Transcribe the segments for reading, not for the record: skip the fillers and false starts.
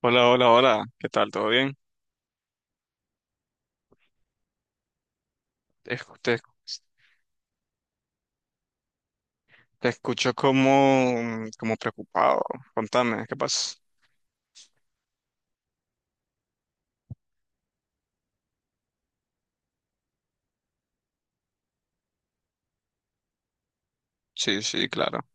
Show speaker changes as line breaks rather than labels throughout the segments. Hola, hola, hola. ¿Qué tal? ¿Todo bien? Es- Te, te escucho como preocupado. Contame, ¿qué pasa? Sí, sí, claro.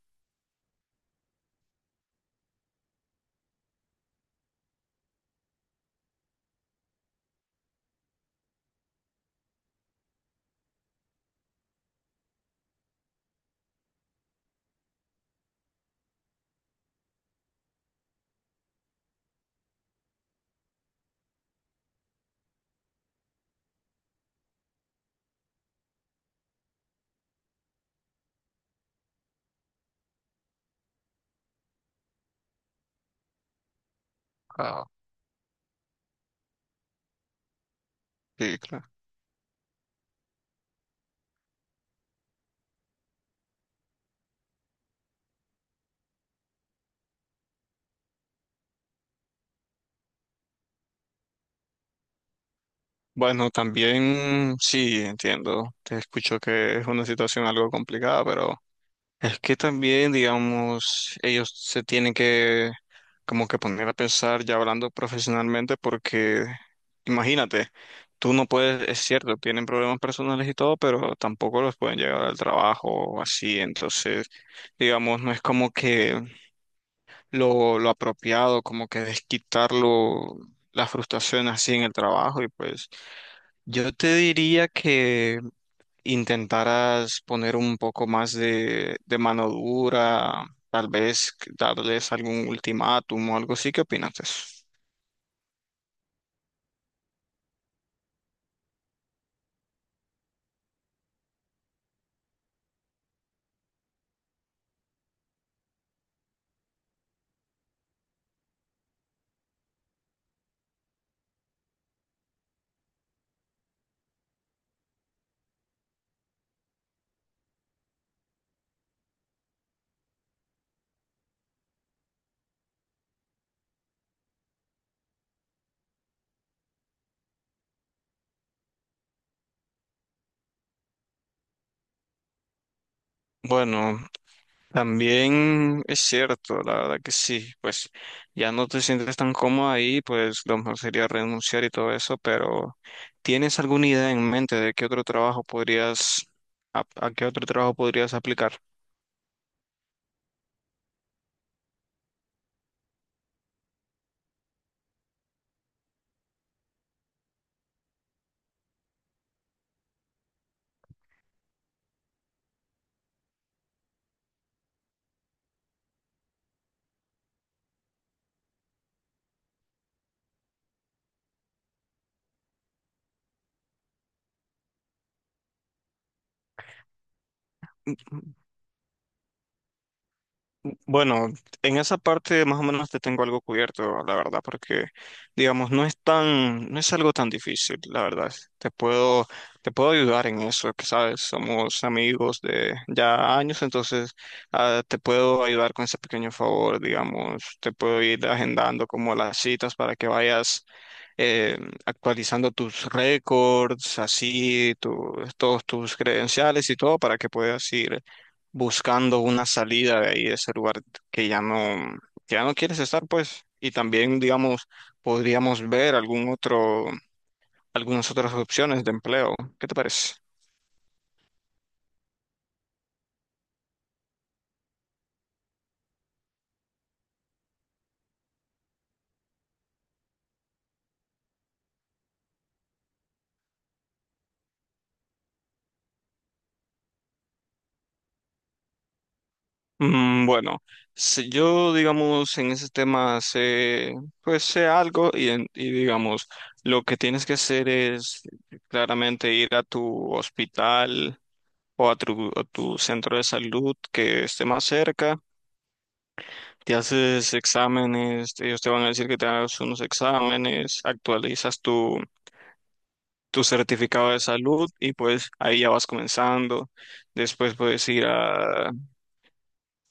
Ah, sí, claro. Bueno, también sí, entiendo. Te escucho que es una situación algo complicada, pero es que también, digamos, ellos se tienen que como que poner a pensar ya hablando profesionalmente porque imagínate, tú no puedes, es cierto, tienen problemas personales y todo, pero tampoco los pueden llegar al trabajo o así. Entonces, digamos, no es como que lo apropiado, como que desquitarlo, la frustración así en el trabajo. Y pues yo te diría que intentaras poner un poco más de mano dura, tal vez darles algún ultimátum o algo así. ¿Qué opinas de eso? Bueno, también es cierto, la verdad que sí, pues ya no te sientes tan cómoda ahí, pues lo mejor sería renunciar y todo eso, pero ¿tienes alguna idea en mente de qué otro trabajo podrías, a qué otro trabajo podrías aplicar? Bueno, en esa parte más o menos te tengo algo cubierto, la verdad, porque digamos, no es tan, no es algo tan difícil, la verdad. Te puedo ayudar en eso, que sabes, somos amigos de ya años. Entonces te puedo ayudar con ese pequeño favor, digamos, te puedo ir agendando como las citas para que vayas eh, actualizando tus récords, así, todos tus credenciales y todo para que puedas ir buscando una salida de ahí, de ese lugar que ya no, que ya no quieres estar, pues. Y también, digamos, podríamos ver algún otro, algunas otras opciones de empleo. ¿Qué te parece? Bueno, si yo, digamos, en ese tema sé, pues sé algo. Digamos, lo que tienes que hacer es claramente ir a tu hospital a tu centro de salud que esté más cerca. Te haces exámenes, ellos te van a decir que te hagas unos exámenes, actualizas tu certificado de salud y pues ahí ya vas comenzando. Después puedes ir a,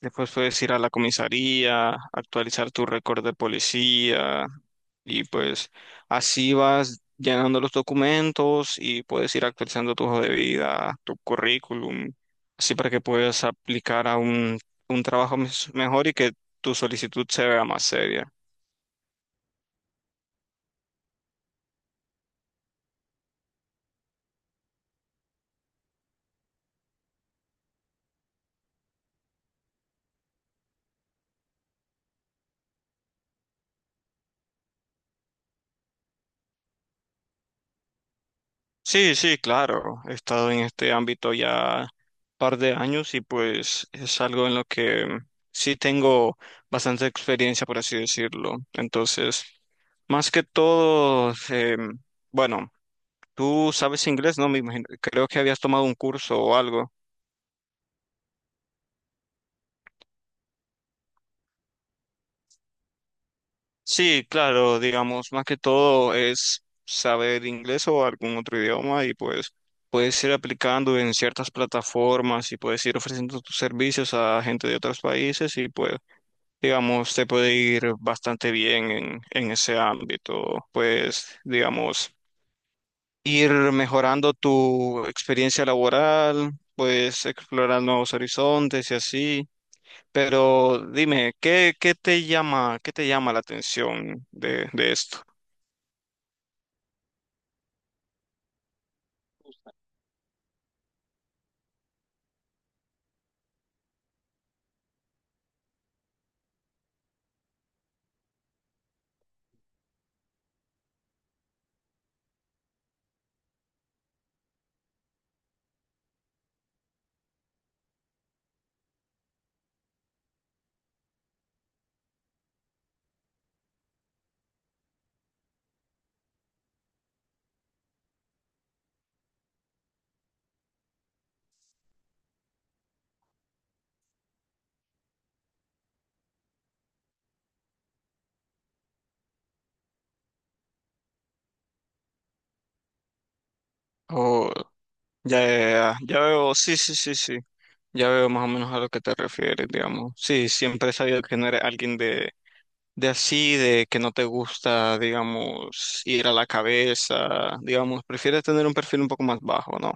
Después puedes ir a la comisaría, actualizar tu récord de policía. Y pues así vas llenando los documentos y puedes ir actualizando tu hoja de vida, tu currículum, así para que puedas aplicar a un trabajo mejor y que tu solicitud se vea más seria. Sí, sí, claro. He estado en este ámbito ya par de años y pues es algo en lo que sí tengo bastante experiencia, por así decirlo. Entonces, más que todo, bueno, tú sabes inglés, ¿no? Me imagino, creo que habías tomado un curso o algo. Sí, claro, digamos, más que todo es saber inglés o algún otro idioma y pues puedes ir aplicando en ciertas plataformas y puedes ir ofreciendo tus servicios a gente de otros países. Y pues, digamos, te puede ir bastante bien en ese ámbito. Pues, digamos, ir mejorando tu experiencia laboral, pues explorar nuevos horizontes y así. Pero dime, ¿ qué te llama la atención de esto? Oh, ya veo, sí, sí, sí, sí, ya veo más o menos a lo que te refieres, digamos. Sí, siempre he sabido que no eres alguien de así, de que no te gusta, digamos, ir a la cabeza. Digamos, prefieres tener un perfil un poco más bajo, ¿no?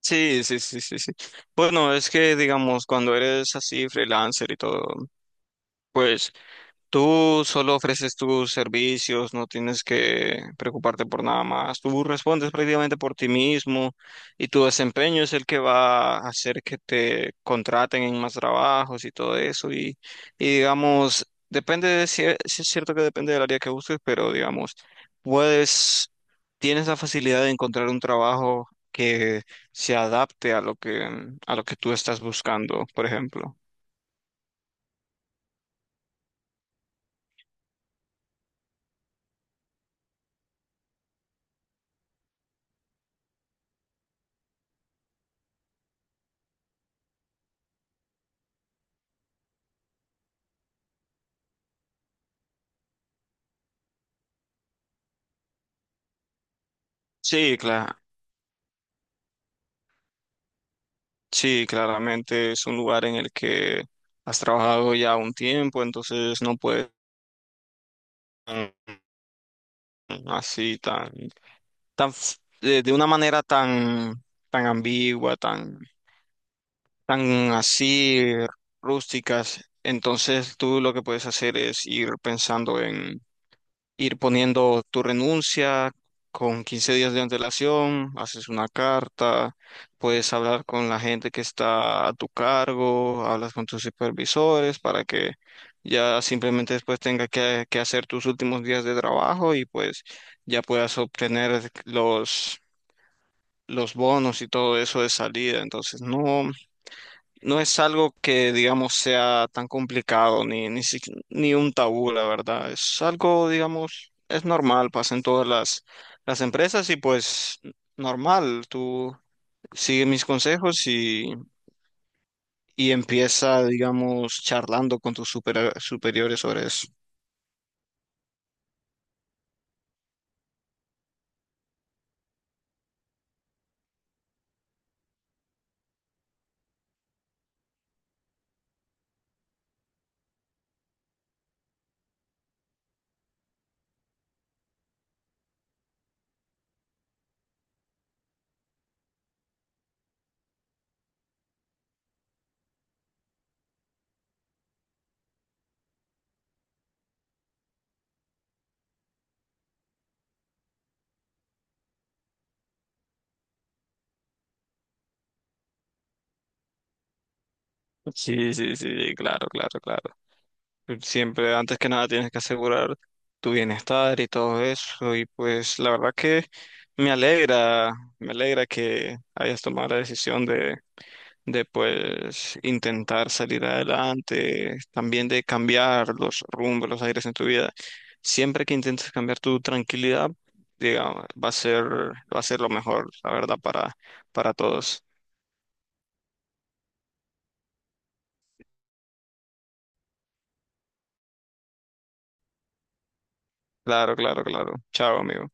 Sí, sí, sí, sí, sí. Bueno, es que, digamos, cuando eres así, freelancer y todo, pues tú solo ofreces tus servicios, no tienes que preocuparte por nada más. Tú respondes prácticamente por ti mismo y tu desempeño es el que va a hacer que te contraten en más trabajos y todo eso. Y digamos, depende de si, sí es cierto que depende del área que busques, pero digamos, puedes, tienes la facilidad de encontrar un trabajo que se adapte a a lo que tú estás buscando, por ejemplo. Sí, claro. Sí, claramente es un lugar en el que has trabajado ya un tiempo, entonces no puedes tan- así tan, tan f- de una manera tan, tan ambigua, tan, tan así rústicas. Entonces tú lo que puedes hacer es ir pensando, ir poniendo tu renuncia con 15 días de antelación, haces una carta, puedes hablar con la gente que está a tu cargo, hablas con tus supervisores para que ya simplemente después tenga que hacer tus últimos días de trabajo y pues ya puedas obtener los bonos y todo eso de salida. Entonces, no. No es algo que, digamos, sea tan complicado ni un tabú, la verdad. Es algo, digamos, es normal, pasa en las empresas y pues normal. Tú sigue mis consejos y empieza, digamos, charlando con tus superiores sobre eso. Sí, sí, sí, claro, claro, claro. Siempre, antes que nada, tienes que asegurar tu bienestar y todo eso. Y pues la verdad que me alegra, me alegra que hayas tomado la decisión de pues intentar salir adelante, también de cambiar los rumbos, los aires en tu vida. Siempre que intentes cambiar tu tranquilidad, digamos, va a ser lo mejor, la verdad, para todos. Claro, claro, claro. Chao, amigo.